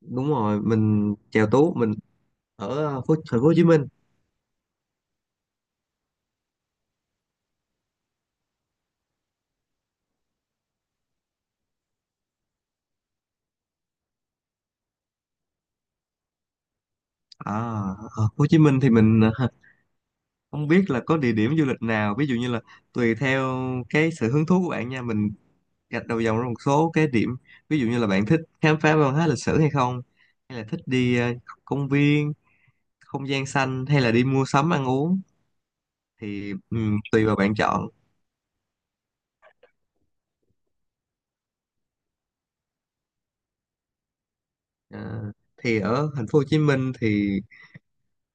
Đúng rồi, mình chèo tú. Mình ở thành phố Hồ Chí Minh. À, ở Hồ Chí Minh thì mình không biết là có địa điểm du lịch nào, ví dụ như là tùy theo cái sự hứng thú của bạn nha. Mình gạch đầu dòng ra một số cái điểm, ví dụ như là bạn thích khám phá văn hóa lịch sử hay không, hay là thích đi công viên, không gian xanh, hay là đi mua sắm, ăn uống, thì tùy vào bạn chọn. Ờ, thì ở thành phố Hồ Chí Minh thì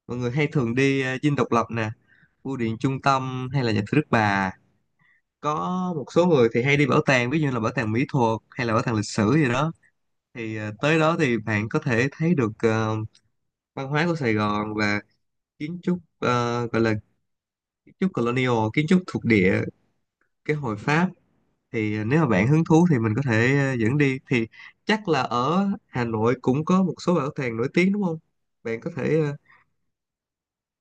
mọi người hay thường đi Dinh Độc Lập nè, Bưu điện Trung tâm, hay là nhà thờ Đức Bà. Có một số người thì hay đi bảo tàng, ví dụ như là bảo tàng mỹ thuật hay là bảo tàng lịch sử gì đó. Thì tới đó thì bạn có thể thấy được văn hóa của Sài Gòn và kiến trúc, gọi là kiến trúc colonial, kiến trúc thuộc địa cái hồi Pháp. Thì nếu mà bạn hứng thú thì mình có thể dẫn đi. Thì chắc là ở Hà Nội cũng có một số bảo tàng nổi tiếng đúng không, bạn có thể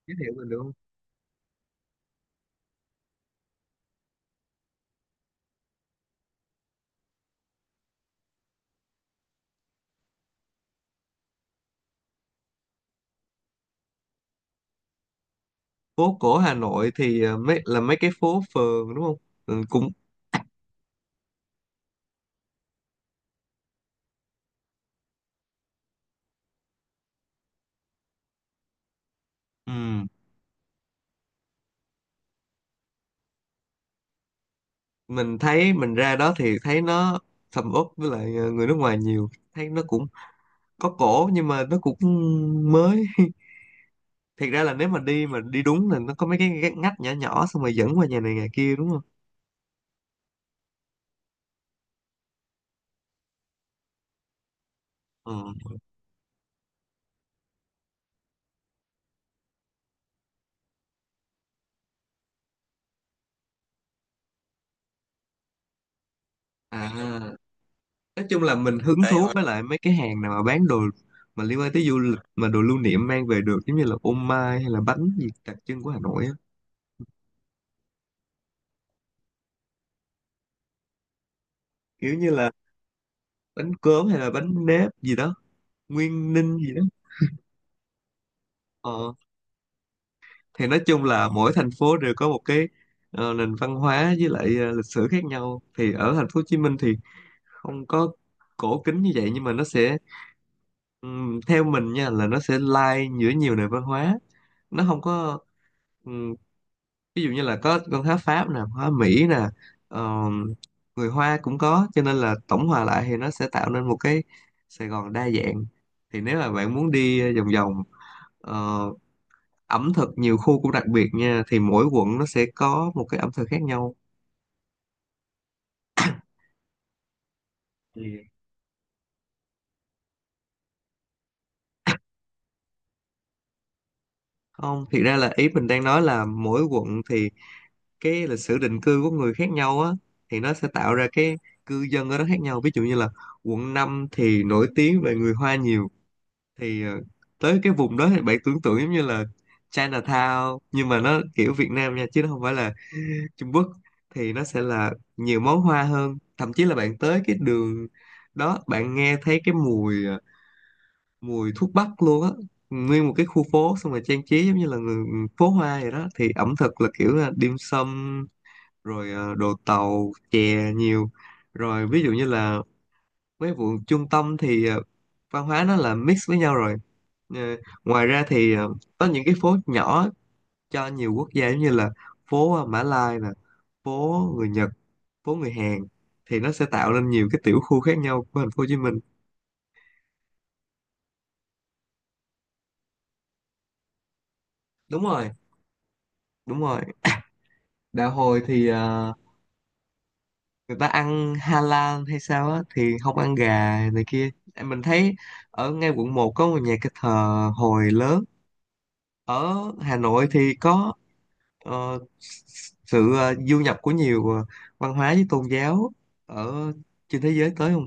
giới thiệu mình được không? Phố cổ Hà Nội thì mấy cái phố phường đúng không? Ừ, cũng ừ. Mình thấy mình ra đó thì thấy nó sầm uất, với lại người nước ngoài nhiều, thấy nó cũng có cổ nhưng mà nó cũng mới. Thiệt ra là nếu mà đi đúng là nó có mấy cái ngách ngách nhỏ nhỏ, xong rồi dẫn qua nhà này nhà kia đúng không? Ừ. à nói chung là mình hứng đấy thú với lại mấy cái hàng nào mà bán đồ mà liên quan tới du lịch, mà đồ lưu niệm mang về được giống như là ô mai hay là bánh gì đặc trưng của Hà Nội á. Kiểu như là bánh cốm hay là bánh nếp gì đó, Nguyên Ninh gì đó. Ờ. Thì nói chung là mỗi thành phố đều có một cái nền văn hóa, với lại lịch sử khác nhau. Thì ở thành phố Hồ Chí Minh thì không có cổ kính như vậy, nhưng mà nó sẽ, theo mình nha, là nó sẽ lai giữa nhiều nền văn hóa. Nó không có ừm, ví dụ như là có văn hóa Pháp nè, hóa Mỹ nè, ờm, người Hoa cũng có, cho nên là tổng hòa lại thì nó sẽ tạo nên một cái Sài Gòn đa dạng. Thì nếu mà bạn muốn đi vòng vòng, ờ, ẩm thực nhiều khu cũng đặc biệt nha, thì mỗi quận nó sẽ có một cái ẩm thực khác nhau. Ừ. Không, thiệt ra là ý mình đang nói là mỗi quận thì cái lịch sử định cư của người khác nhau á, thì nó sẽ tạo ra cái cư dân ở đó khác nhau. Ví dụ như là quận 5 thì nổi tiếng về người Hoa nhiều. Thì tới cái vùng đó thì bạn tưởng tượng giống như là Chinatown, nhưng mà nó kiểu Việt Nam nha chứ nó không phải là Trung Quốc. Thì nó sẽ là nhiều món hoa hơn, thậm chí là bạn tới cái đường đó bạn nghe thấy cái mùi thuốc bắc luôn á. Nguyên một cái khu phố, xong rồi trang trí giống như là người phố hoa vậy đó, thì ẩm thực là kiểu là dim sum rồi, đồ tàu chè nhiều. Rồi ví dụ như là mấy vụ trung tâm thì văn hóa nó là mix với nhau rồi. Ờ, ngoài ra thì có những cái phố nhỏ cho nhiều quốc gia, giống như là phố Mã Lai nè, phố người Nhật, phố người Hàn. Thì nó sẽ tạo nên nhiều cái tiểu khu khác nhau của thành phố Hồ Chí Minh. Đúng rồi, đúng rồi. Đạo hồi thì người ta ăn halal hay sao á thì không ăn gà này kia. Mình thấy ở ngay quận 1 có một nhà cái thờ hồi lớn. Ở Hà Nội thì có ờ, sự du nhập của nhiều văn hóa với tôn giáo ở trên thế giới tới không?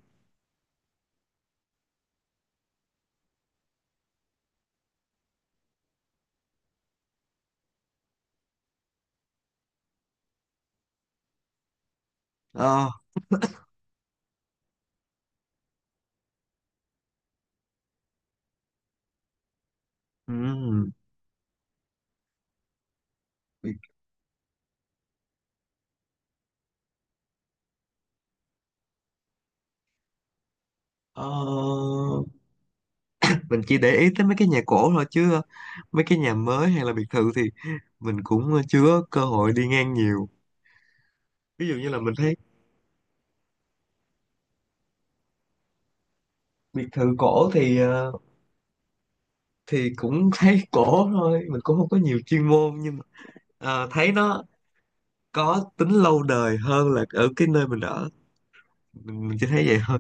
Ờ, ừm, ờ, mình chỉ để ý tới mấy cái nhà cổ thôi, chứ mấy cái nhà mới hay là biệt thự thì mình cũng chưa có cơ hội đi ngang nhiều. Ví dụ như là mình thấy biệt thự cổ thì thì cũng thấy cổ thôi. Mình cũng không có nhiều chuyên môn, nhưng mà thấy nó có tính lâu đời hơn là ở cái nơi mình ở. Mình chỉ thấy vậy thôi.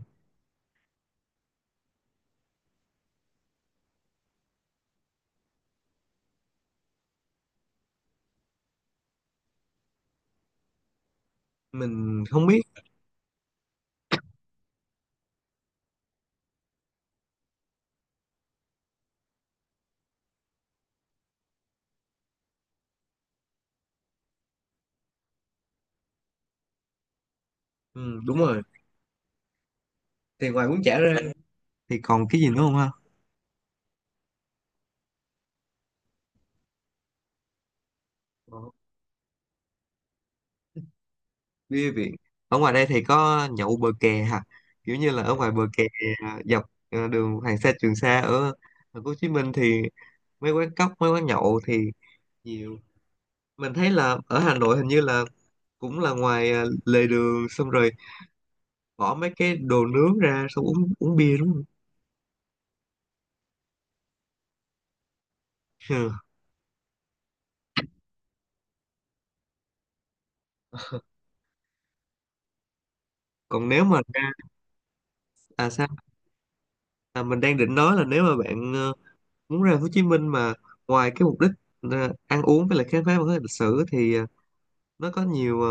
Mình không biết. Ừ, đúng rồi. Thì ngoài bún chả ra thì còn cái gì nữa không ha? Ờ, bia viện. Ở ngoài đây thì có nhậu bờ kè hả, kiểu như là ở ngoài bờ kè, dọc đường Hoàng Sa Trường Sa ở thành phố Hồ Chí Minh, thì mấy quán cóc, mấy quán nhậu thì nhiều. Mình thấy là ở Hà Nội hình như là cũng là ngoài lề đường, xong rồi bỏ mấy cái đồ nướng ra xong uống uống bia đúng không? Ờ. Còn nếu mà ra. À sao? Mình đang định nói là nếu mà bạn muốn ra Hồ Chí Minh mà ngoài cái mục đích ăn uống với lại khám phá văn hóa lịch sử, thì nó có nhiều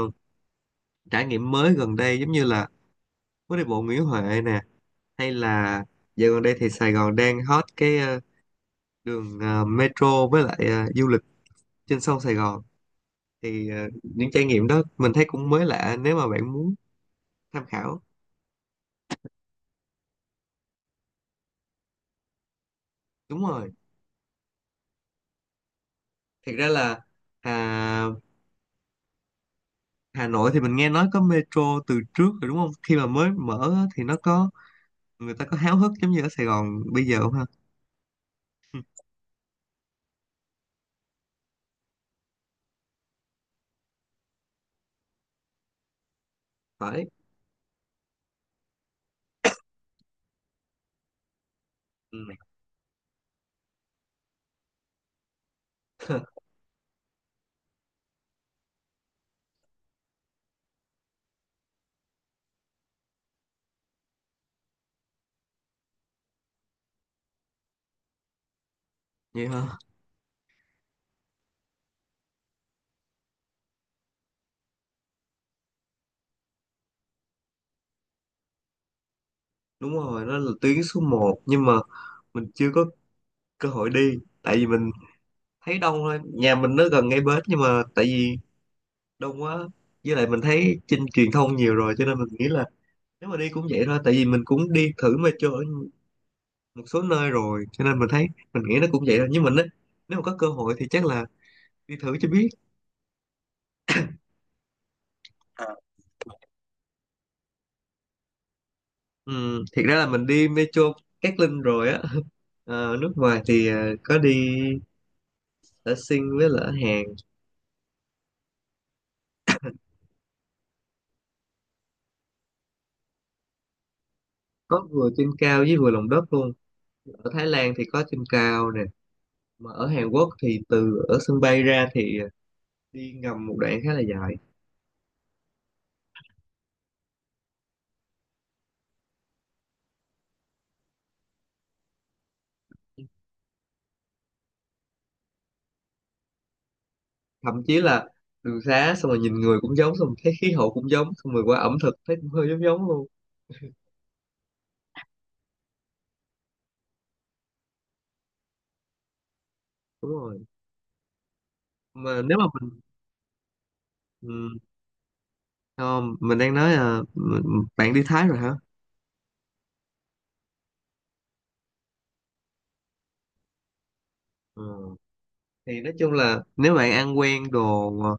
trải nghiệm mới gần đây, giống như là phố đi bộ Nguyễn Huệ nè, hay là dạo gần đây thì Sài Gòn đang hot cái đường metro, với lại du lịch trên sông Sài Gòn. Thì những trải nghiệm đó mình thấy cũng mới lạ nếu mà bạn muốn tham khảo. Đúng rồi. Thiệt ra là à, Hà Nội thì mình nghe nói có metro từ trước rồi đúng không? Khi mà mới mở á, thì nó có người ta có háo hức giống như ở Sài Gòn bây giờ không ha? Phải. Ừ. Vậy hả? Đúng rồi, đó là tuyến số 1, nhưng mà mình chưa có cơ hội đi. Tại vì mình thấy đông thôi. Nhà mình nó gần ngay bến, nhưng mà tại vì đông quá, với lại mình thấy trên truyền thông nhiều rồi cho nên mình nghĩ là nếu mà đi cũng vậy thôi. Tại vì mình cũng đi thử metro ở một số nơi rồi, cho nên mình nghĩ nó cũng vậy thôi. Nhưng mình á, nếu mà có cơ hội thì chắc là đi thử cho biết. Ừ, thiệt ra là mình đi Metro Cát Linh rồi á. Nước ngoài thì có đi ở Sing với là ở Hàn. Có vừa trên cao với vừa lòng đất luôn. Ở Thái Lan thì có trên cao nè, mà ở Hàn Quốc thì từ ở sân bay ra thì đi ngầm một đoạn khá là dài. Thậm chí là đường xá, xong rồi nhìn người cũng giống, xong rồi thấy khí hậu cũng giống, xong rồi qua ẩm thực thấy cũng hơi giống giống luôn. Đúng rồi. Mà nếu mà mình. Ừ, không, mình đang nói là bạn đi Thái rồi hả? Ừ. Thì nói chung là nếu bạn ăn quen đồ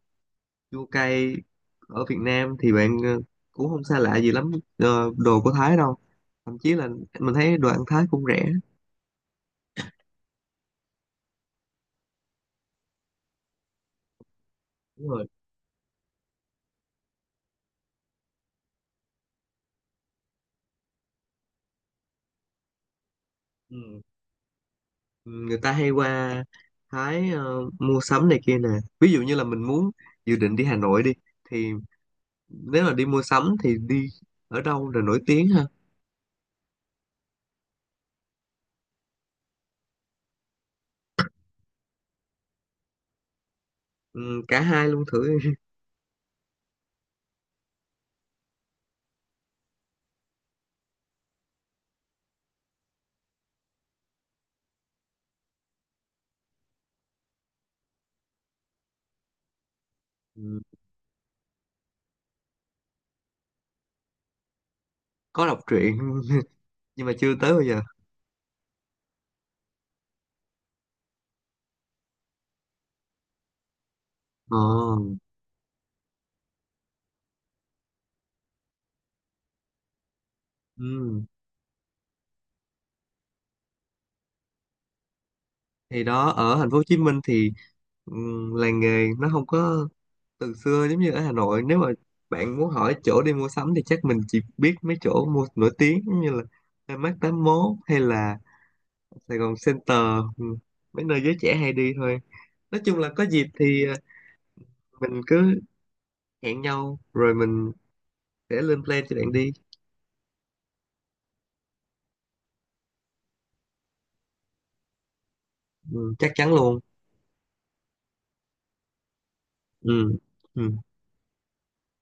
chua cay ở Việt Nam thì bạn cũng không xa lạ gì lắm đồ của Thái đâu. Thậm chí là mình thấy đồ ăn Thái cũng rẻ. Đúng rồi. Ừ. Người ta hay qua Thái mua sắm này kia nè. Ví dụ như là mình muốn dự định đi Hà Nội đi, thì nếu là đi mua sắm thì đi ở đâu là nổi tiếng ha? Ừ, cả hai luôn thử. Ừ. Có đọc truyện nhưng mà chưa tới bao giờ. Ờ. Ừ. Thì đó, ở thành phố Hồ Chí Minh thì làng nghề nó không có từ xưa giống như ở Hà Nội. Nếu mà bạn muốn hỏi chỗ đi mua sắm thì chắc mình chỉ biết mấy chỗ mua nổi tiếng, giống như là Landmark 81 hay là Sài Gòn Center, ừm, mấy nơi giới trẻ hay đi thôi. Nói chung là có dịp thì mình cứ hẹn nhau rồi mình sẽ lên plan cho bạn đi. Chắc chắn luôn. Ừm, ừm.